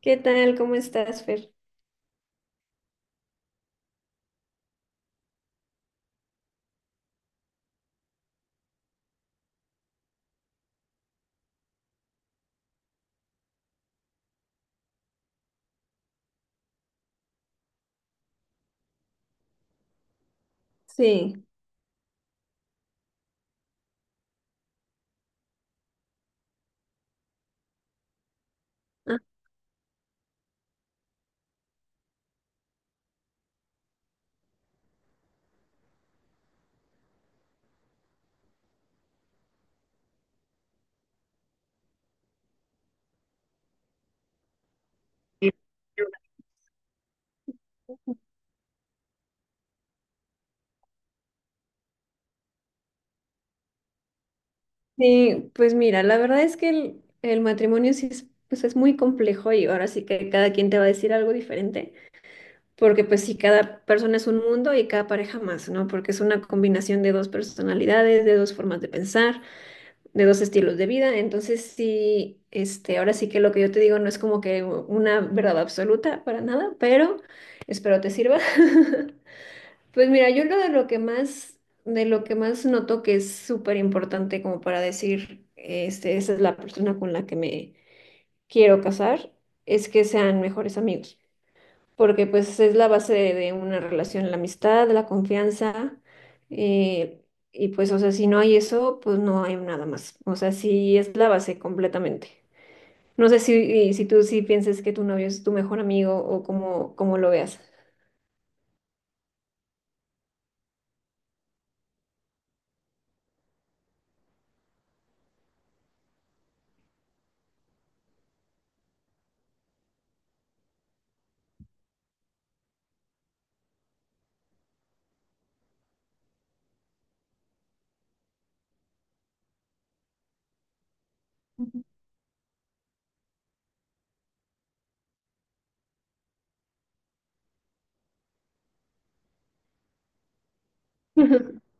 ¿Qué tal? ¿Cómo estás, Fer? Sí. Ah. Sí, pues mira, la verdad es que el matrimonio sí es, pues es muy complejo y ahora sí que cada quien te va a decir algo diferente, porque pues sí, cada persona es un mundo y cada pareja más, ¿no? Porque es una combinación de dos personalidades, de dos formas de pensar, de dos estilos de vida, entonces sí, este, ahora sí que lo que yo te digo no es como que una verdad absoluta para nada, pero espero te sirva. Pues mira, yo lo de lo que más, de lo que más noto que es súper importante como para decir, este, esa es la persona con la que me quiero casar, es que sean mejores amigos, porque pues es la base de una relación, la amistad, la confianza, eh, y pues, o sea, si no hay eso, pues no hay nada más, o sea, sí es la base completamente. No sé si tú sí pienses que tu novio es tu mejor amigo o cómo, cómo lo veas.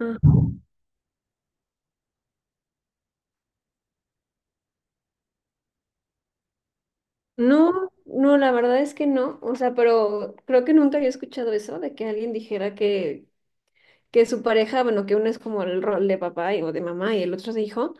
Ajá. No, no, la verdad es que no. O sea, pero creo que nunca había escuchado eso de que alguien dijera que su pareja, bueno, que uno es como el rol de papá y- o de mamá y el otro es de hijo.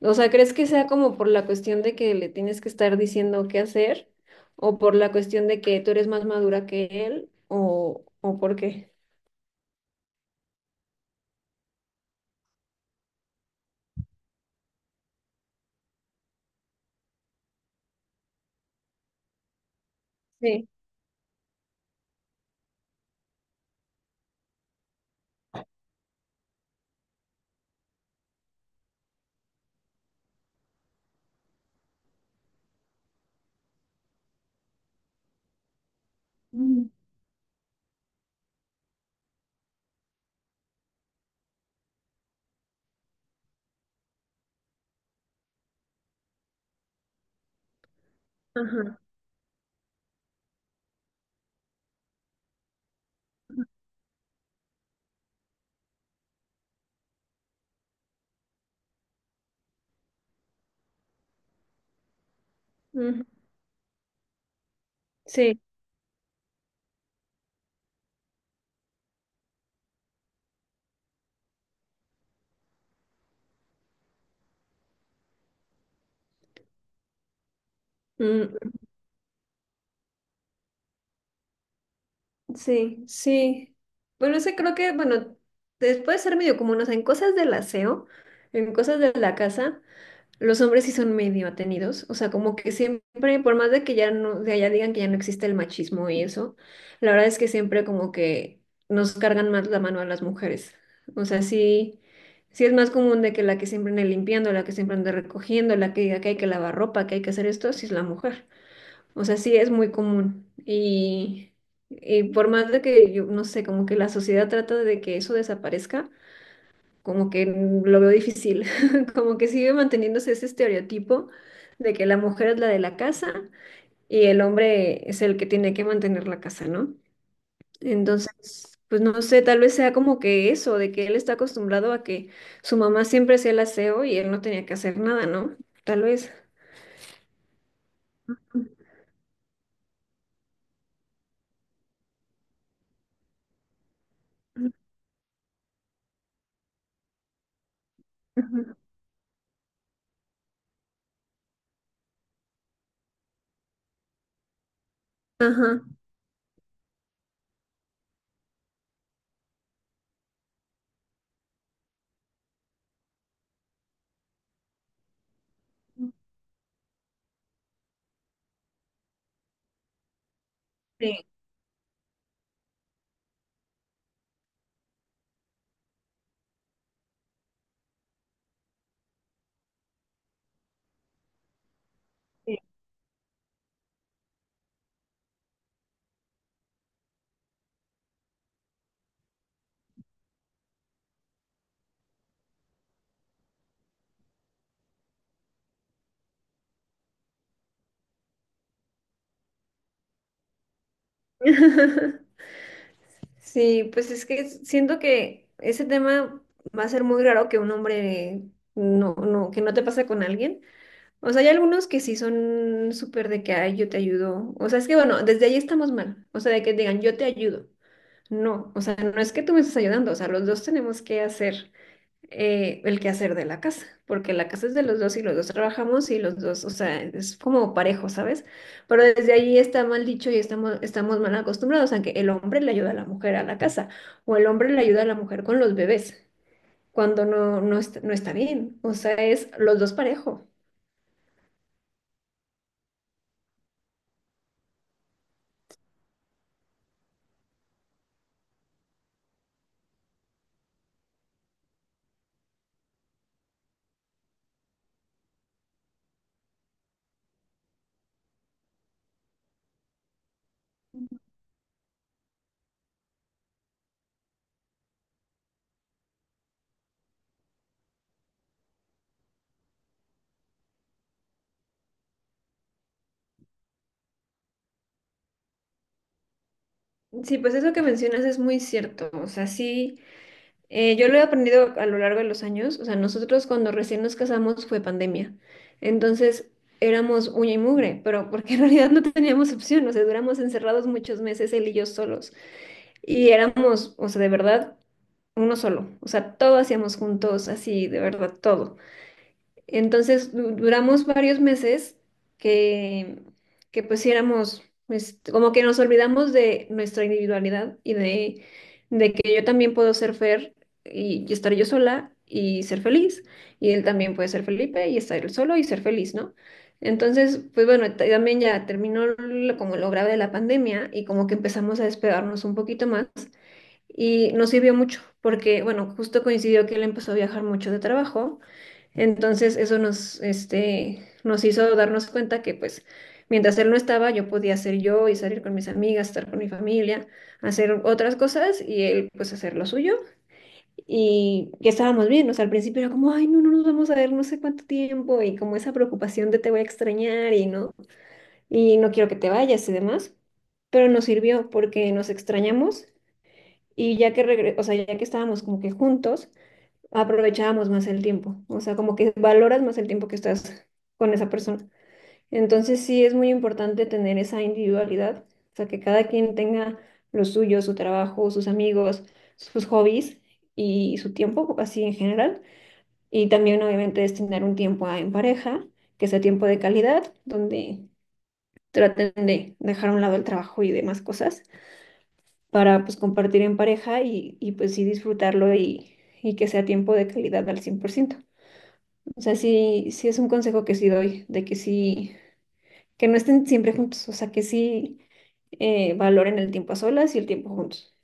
O sea, ¿crees que sea como por la cuestión de que le tienes que estar diciendo qué hacer? ¿O por la cuestión de que tú eres más madura que él? O por qué? Sí. Mm. Ajá. Ujú. Sí. Mm. Sí, sí. Bueno, ese creo que, bueno, después de ser medio común, o sea, en cosas del aseo, en cosas de la casa, los hombres sí son medio atenidos, o sea, como que siempre, por más de que ya no, de allá digan que ya no existe el machismo y eso, la verdad es que siempre como que nos cargan más la mano a las mujeres. O sea, sí, sí es más común de que la que siempre ande limpiando, la que siempre ande recogiendo, la que diga que hay que lavar ropa, que hay que hacer esto, sí es la mujer. O sea, sí es muy común. Y por más de que yo, no sé, como que la sociedad trata de que eso desaparezca, como que mm, lo veo difícil. Como que sigue manteniéndose ese estereotipo de que la mujer es la de la casa y el hombre es el que tiene que mantener la casa, ¿no? Entonces, pues no sé, tal vez sea como que eso, de que él está acostumbrado a que su mamá siempre hacía el aseo y él no tenía que hacer nada, ¿no? Tal vez. Ujú. Ajá. Sí. Sí, pues es que siento que ese tema va a ser muy raro que un hombre no, no, que no te pasa con alguien. O sea, hay algunos que sí son súper de que, ay, yo te ayudo. O sea, es que bueno, desde ahí estamos mal. O sea, de que digan, yo te ayudo. No, o sea, no es que tú me estás ayudando. O sea, los dos tenemos que hacer el quehacer de la casa, porque la casa es de los dos y los dos trabajamos y los dos, o sea, es como parejo, ¿sabes? Pero desde allí está mal dicho y estamos mal acostumbrados a que el hombre le ayuda a la mujer a la casa o el hombre le ayuda a la mujer con los bebés, cuando no, no está, no está bien, o sea, es los dos parejo. Sí, pues eso que mencionas es muy cierto, o sea, sí. Yo lo he aprendido a lo largo de los años. O sea, nosotros cuando recién nos casamos fue pandemia. Entonces éramos uña y mugre, pero porque en realidad no teníamos opción. O sea, duramos encerrados muchos meses él y yo solos. Y éramos, o sea, de verdad, uno solo. O sea, todo hacíamos juntos, así, de verdad, todo. Entonces duramos varios meses que, que pues sí éramos, pues, como que nos olvidamos de nuestra individualidad y de que yo también puedo ser Fer y estar yo sola y ser feliz. Y él también puede ser Felipe y estar él solo y ser feliz, ¿no? Entonces, pues bueno, también ya terminó como lo grave de la pandemia y como que empezamos a despegarnos un poquito más y nos sirvió mucho porque, bueno, justo coincidió que él empezó a viajar mucho de trabajo. Entonces eso nos, este, nos hizo darnos cuenta que pues mientras él no estaba yo podía ser yo y salir con mis amigas, estar con mi familia, hacer otras cosas y él pues hacer lo suyo y que estábamos bien, o sea, al principio era como, ay, no, no nos vamos a ver no sé cuánto tiempo y como esa preocupación de te voy a extrañar y no quiero que te vayas y demás, pero nos sirvió porque nos extrañamos y ya que o sea, ya que estábamos como que juntos aprovechábamos más el tiempo, o sea, como que valoras más el tiempo que estás con esa persona. Entonces sí es muy importante tener esa individualidad, o sea, que cada quien tenga lo suyo, su trabajo, sus amigos, sus hobbies y su tiempo, así en general. Y también obviamente destinar un tiempo en pareja, que sea tiempo de calidad, donde traten de dejar a un lado el trabajo y demás cosas para pues compartir en pareja y pues sí disfrutarlo y que sea tiempo de calidad al 100%. O sea, sí, sí es un consejo que sí doy, de que sí, que no estén siempre juntos, o sea, que sí valoren el tiempo a solas y el tiempo juntos.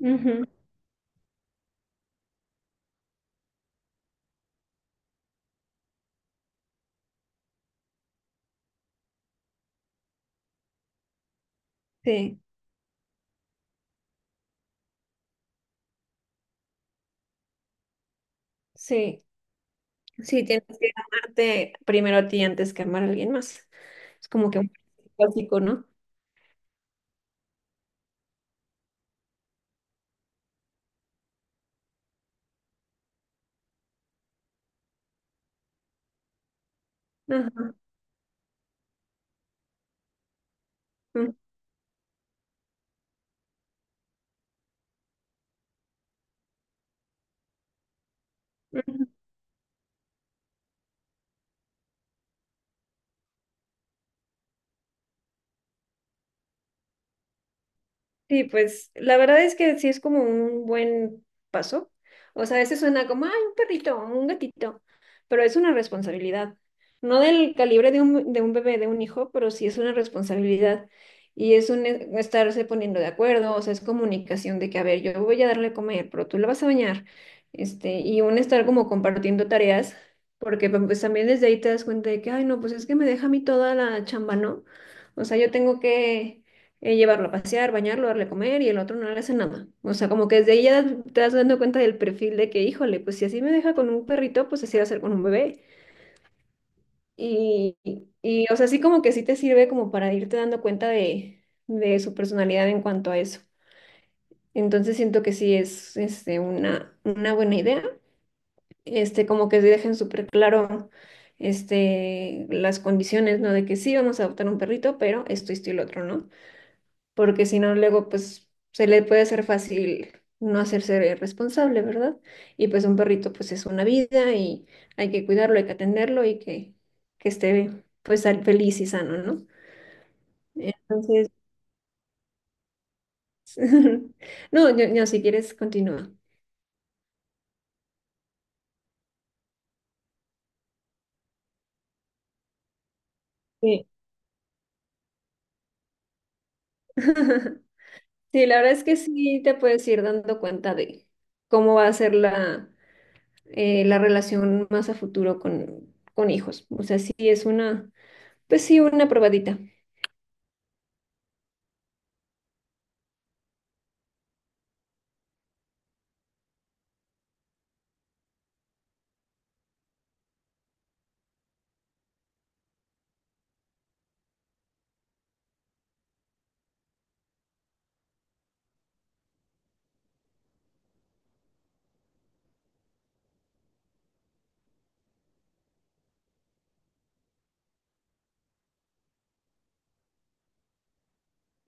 Ujú. Sí, sí, sí, tienes que amarte primero a ti antes que amar a alguien más. Es como que un básico, ¿no? Ajá. Ujú. Sí, pues la verdad es que sí es como un buen paso. O sea, a veces suena como, ay, un perrito, un gatito, pero es una responsabilidad. No del calibre de de un bebé, de un hijo, pero sí es una responsabilidad. Y es un estarse poniendo de acuerdo, o sea, es comunicación de que, a ver, yo voy a darle a comer, pero tú la vas a bañar. Este, y un estar como compartiendo tareas, porque pues, también desde ahí te das cuenta de que, ay, no, pues es que me deja a mí toda la chamba, ¿no? O sea, yo tengo que llevarlo a pasear, bañarlo, darle a comer y el otro no le hace nada. O sea, como que desde ahí ya te vas dando cuenta del perfil de que, híjole, pues si así me deja con un perrito, pues así va a ser con un bebé. Y, o sea, así como que sí te sirve como para irte dando cuenta de su personalidad en cuanto a eso. Entonces siento que sí es este, una buena idea, este, como que sí dejen súper claro este, las condiciones, ¿no? De que sí vamos a adoptar un perrito, pero esto y lo otro, ¿no? Porque si no, luego pues se le puede hacer fácil no hacerse responsable, ¿verdad? Y pues un perrito pues es una vida y hay que cuidarlo, hay que atenderlo y que esté pues feliz y sano, ¿no? Entonces, no, si quieres, continúa. Sí. Sí, la verdad es que sí te puedes ir dando cuenta de cómo va a ser la, la relación más a futuro con hijos. O sea, sí es una, pues sí, una probadita.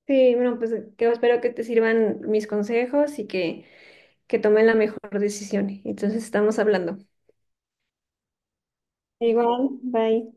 Sí, bueno, pues que espero que te sirvan mis consejos y que tomen la mejor decisión. Entonces estamos hablando. Igual, bye.